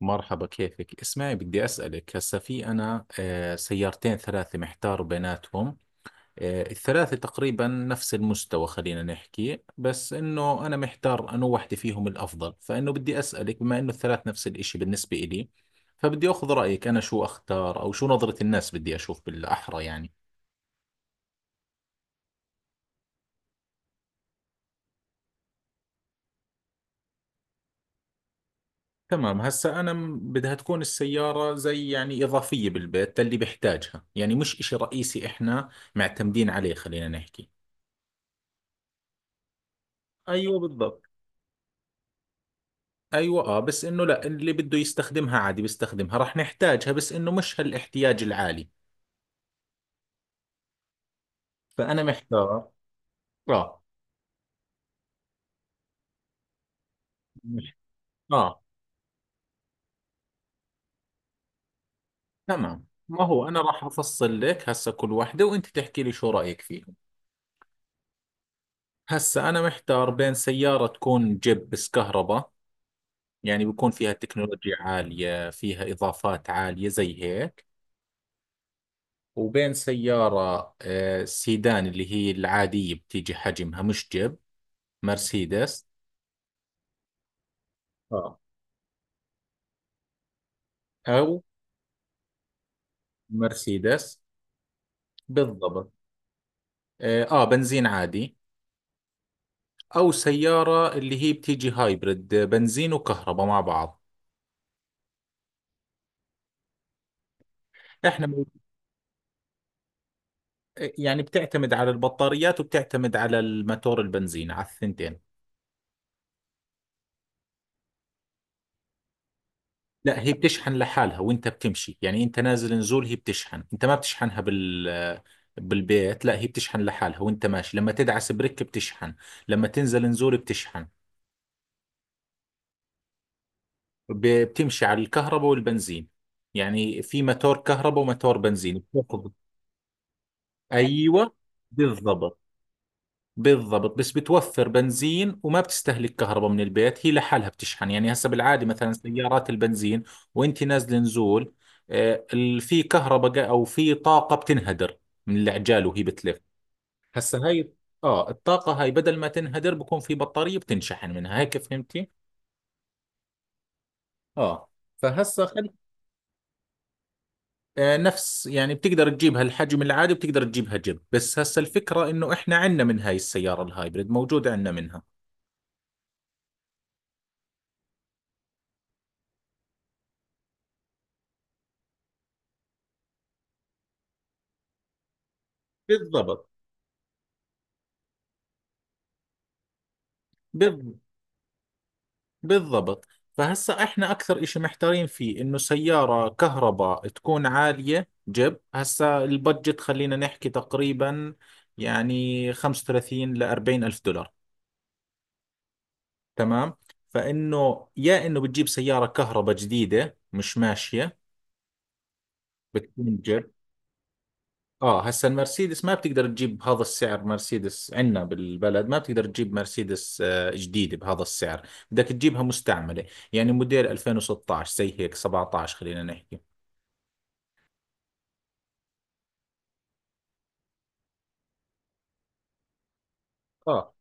مرحبا، كيفك؟ اسمعي، بدي أسألك. هسا في أنا سيارتين ثلاثة محتار بيناتهم. الثلاثة تقريبا نفس المستوى، خلينا نحكي، بس إنه أنا محتار أنو وحدة فيهم الأفضل، فإنه بدي أسألك بما إنه الثلاث نفس الإشي بالنسبة إلي. فبدي أخذ رأيك أنا شو أختار أو شو نظرة الناس، بدي أشوف بالأحرى يعني. تمام. هسا أنا بدها تكون السيارة زي يعني إضافية بالبيت، اللي بحتاجها يعني مش إشي رئيسي إحنا معتمدين عليه خلينا نحكي. ايوه بالضبط. ايوه اه، بس انه لا، اللي بده يستخدمها عادي بيستخدمها، راح نحتاجها بس انه مش هالاحتياج العالي. فانا محتار. اه. مش اه تمام. ما هو انا راح افصل لك هسه كل وحده وانت تحكي لي شو رايك فيهم. هسه انا محتار بين سياره تكون جيب بس كهرباء، يعني بيكون فيها تكنولوجيا عاليه، فيها اضافات عاليه زي هيك. وبين سياره سيدان، اللي هي العاديه بتيجي حجمها مش جيب. مرسيدس. اه. او مرسيدس. بالضبط. اه، بنزين عادي. او سيارة اللي هي بتيجي هايبرد، بنزين وكهرباء مع بعض. احنا يعني بتعتمد على البطاريات وبتعتمد على الماتور البنزين، على الثنتين. لا، هي بتشحن لحالها وانت بتمشي، يعني انت نازل نزول هي بتشحن، انت ما بتشحنها بالبيت. لا هي بتشحن لحالها وانت ماشي، لما تدعس بريك بتشحن، لما تنزل نزول بتشحن. بتمشي على الكهرباء والبنزين، يعني في ماتور كهرباء وماتور بنزين بتاخذ. ايوه بالضبط. بالضبط، بس بتوفر بنزين وما بتستهلك كهرباء من البيت، هي لحالها بتشحن. يعني هسه بالعادة مثلا سيارات البنزين وانت نازل نزول، في كهرباء او في طاقة بتنهدر من العجال وهي بتلف. هسه هاي، اه، الطاقة هاي بدل ما تنهدر بكون في بطارية بتنشحن منها هيك، فهمتي؟ اه. فهسه خلي. نفس يعني بتقدر تجيبها الحجم العادي، بتقدر تجيبها جيب. بس هسه الفكرة انه احنا عندنا من هاي السيارة الهايبريد موجود عندنا منها. بالضبط. بال- بالضبط. فهسا احنا اكثر اشي محتارين فيه انه سيارة كهرباء تكون عالية جيب. هسا البادجت خلينا نحكي تقريبا يعني 35 ل 40 الف دولار. تمام. فانه يا انه بتجيب سيارة كهرباء جديدة مش ماشية، بتكون جيب. اه هسا المرسيدس ما بتقدر تجيب بهذا السعر، مرسيدس عندنا بالبلد ما بتقدر تجيب مرسيدس جديدة بهذا السعر، بدك تجيبها مستعملة. يعني موديل 2016 زي هيك 17 خلينا نحكي. اه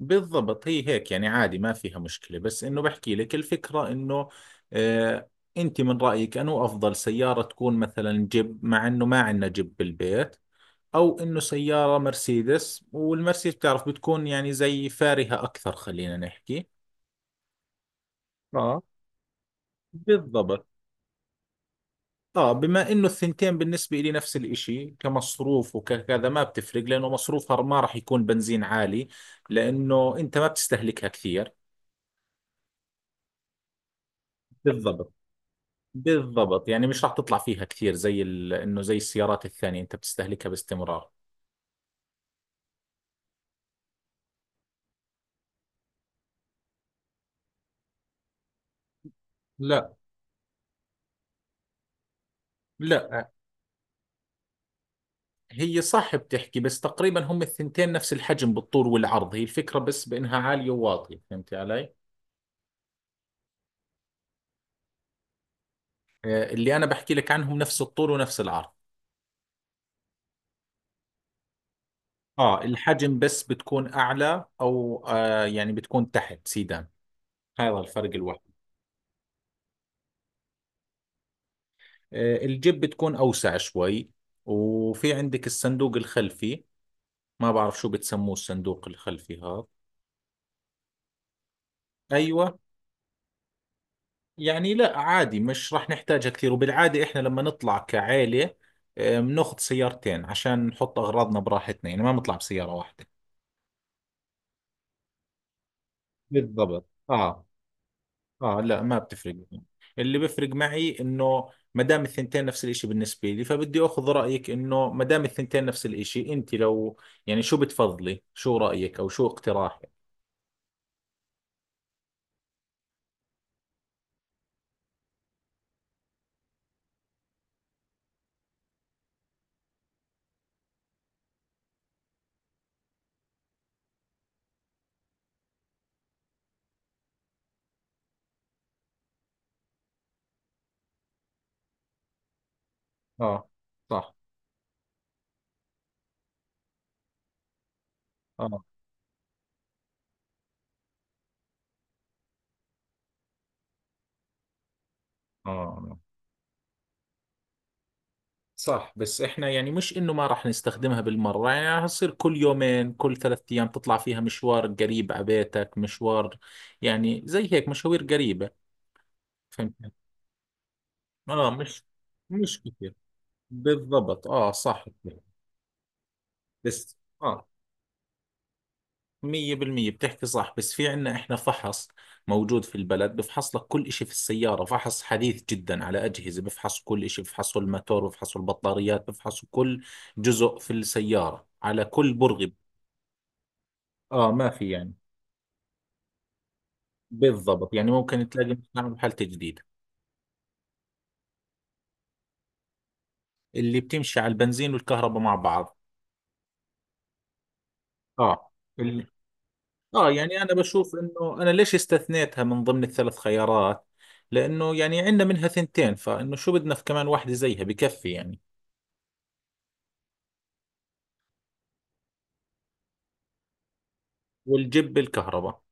بالضبط، هي هيك يعني عادي ما فيها مشكلة. بس انه بحكي لك الفكرة انه، آه انت من رأيك انه افضل سيارة تكون مثلا جيب مع انه ما عندنا جيب بالبيت، او انه سيارة مرسيدس، والمرسيدس بتعرف بتكون يعني زي فارهة اكثر خلينا نحكي. اه بالضبط. اه بما انه الثنتين بالنسبة لي نفس الاشي كمصروف وكذا، ما بتفرق، لانه مصروفها ما راح يكون بنزين عالي، لانه انت ما بتستهلكها كثير. بالضبط. بالضبط، يعني مش راح تطلع فيها كثير زي انه زي السيارات الثانية انت بتستهلكها باستمرار. لا لا. هي صح بتحكي، بس تقريبا هم الثنتين نفس الحجم بالطول والعرض، هي الفكرة بس بانها عالية وواطية، فهمتي علي؟ اللي انا بحكي لك عنهم نفس الطول ونفس العرض. اه الحجم بس بتكون اعلى او يعني بتكون تحت سيدان، هذا الفرق الوحيد. آه الجيب بتكون اوسع شوي، وفي عندك الصندوق الخلفي، ما بعرف شو بتسموه الصندوق الخلفي هذا. ايوه. يعني لا عادي مش راح نحتاجها كثير، وبالعاده احنا لما نطلع كعائله بناخذ سيارتين عشان نحط اغراضنا براحتنا، يعني ما بنطلع بسياره واحده. بالضبط اه. اه لا ما بتفرق معي. اللي بيفرق معي انه ما دام الثنتين نفس الاشي بالنسبة لي، فبدي اخذ رأيك انه ما دام الثنتين نفس الاشي، انت لو يعني شو بتفضلي، شو رأيك او شو اقتراحك؟ اه صح. اه اه صح. بس احنا يعني مش انه ما راح نستخدمها بالمرة، يعني هتصير كل يومين كل ثلاث ايام تطلع فيها مشوار قريب على بيتك، مشوار يعني زي هيك مشاوير قريبة، فهمت؟ اه. مش كثير. بالضبط اه صح. بس اه، 100% بتحكي صح، بس في عنا إحنا فحص موجود في البلد، بفحص لك كل إشي في السيارة، فحص حديث جدا على أجهزة، بفحصوا كل إشي، بفحصوا الماتور، بفحصوا البطاريات، بفحصوا كل جزء في السيارة على كل برغي. آه ما في يعني. بالضبط، يعني ممكن تلاقي مصنع بحالة جديدة. اللي بتمشي على البنزين والكهرباء مع بعض. آه. اللي، آه يعني أنا بشوف إنه أنا ليش استثنيتها من ضمن الثلاث خيارات، لأنه يعني عندنا منها ثنتين، فإنه شو بدنا في كمان واحدة زيها، بكفي يعني. والجيب بالكهرباء.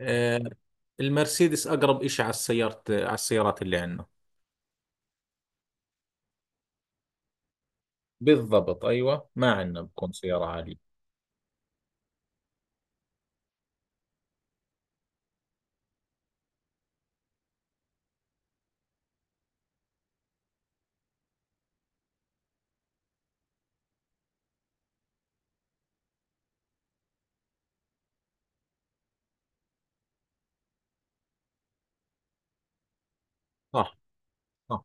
آه، المرسيدس أقرب إشي على السيارة، على السيارات اللي عندنا. بالضبط أيوة، ما عندنا بكون سيارة عالية. صح صح.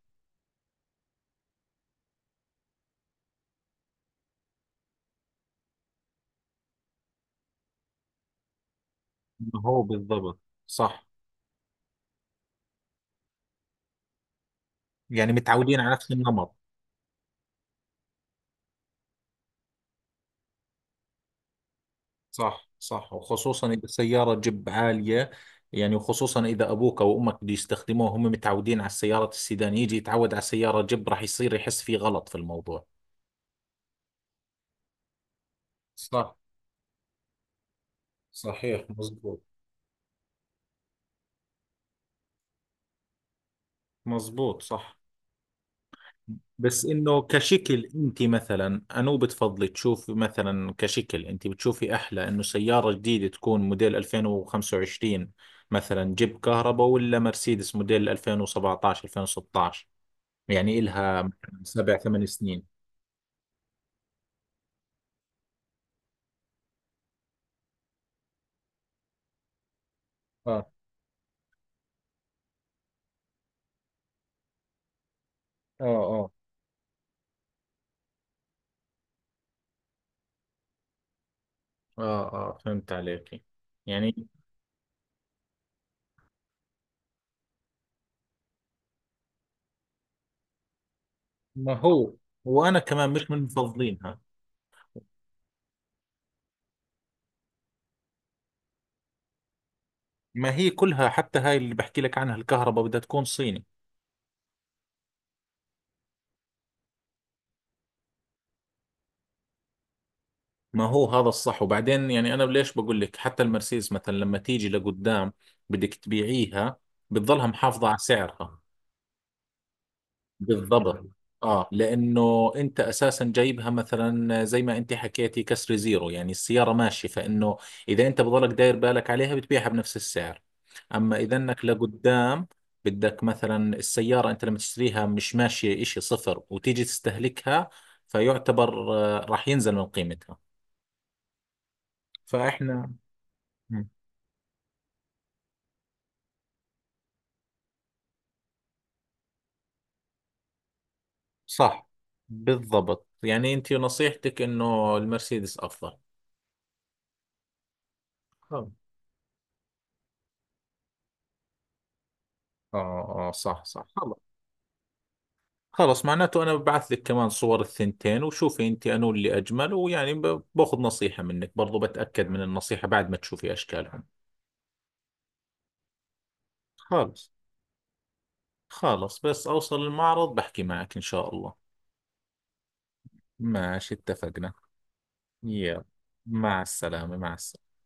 ما هو بالضبط. صح، يعني متعودين على نفس النمط. صح صح، وخصوصا إذا السيارة جيب عالية، يعني وخصوصا إذا أبوك أو أمك بده يستخدموه، هم متعودين على السيارات السيدان، يجي يتعود على سيارة جيب راح يصير يحس في غلط في الموضوع. صح صحيح مزبوط. مزبوط صح. بس انه كشكل انت مثلا انو بتفضلي تشوفي، مثلا كشكل انت بتشوفي احلى انه سيارة جديدة تكون موديل 2025 مثلا جيب كهرباء، ولا مرسيدس موديل 2017 2016، يعني إلها مثلاً 7 8 سنين. اه اه اه. اه اه فهمت عليكي. يعني، ما هو، وانا كمان مش من مفضلينها. ما هي كلها حتى هاي اللي بحكي لك عنها الكهرباء بدها تكون صيني. ما هو هذا الصح. وبعدين يعني انا ليش بقول لك، حتى المرسيدس مثلا لما تيجي لقدام بدك تبيعيها، بتضلها محافظة على سعرها. بالضبط. اه لانه انت اساسا جايبها مثلا زي ما انت حكيتي كسر زيرو، يعني السيارة ماشية، فانه اذا انت بضلك داير بالك عليها بتبيعها بنفس السعر. اما اذا انك لقدام بدك مثلا، السيارة انت لما تشتريها مش ماشية اشي صفر وتيجي تستهلكها، فيعتبر راح ينزل من قيمتها. فاحنا. صح. بالضبط، يعني انت نصيحتك انه المرسيدس افضل. خلص. اه اه صح صح خلص. خلص معناته انا ببعث لك كمان صور الثنتين، وشوفي انت انو اللي اجمل، ويعني باخذ نصيحة منك برضو، بتأكد من النصيحة بعد ما تشوفي اشكالهم. خلص. خلص بس اوصل المعرض بحكي معك ان شاء الله. ماشي اتفقنا. يلا. مع السلامة، مع السلامة.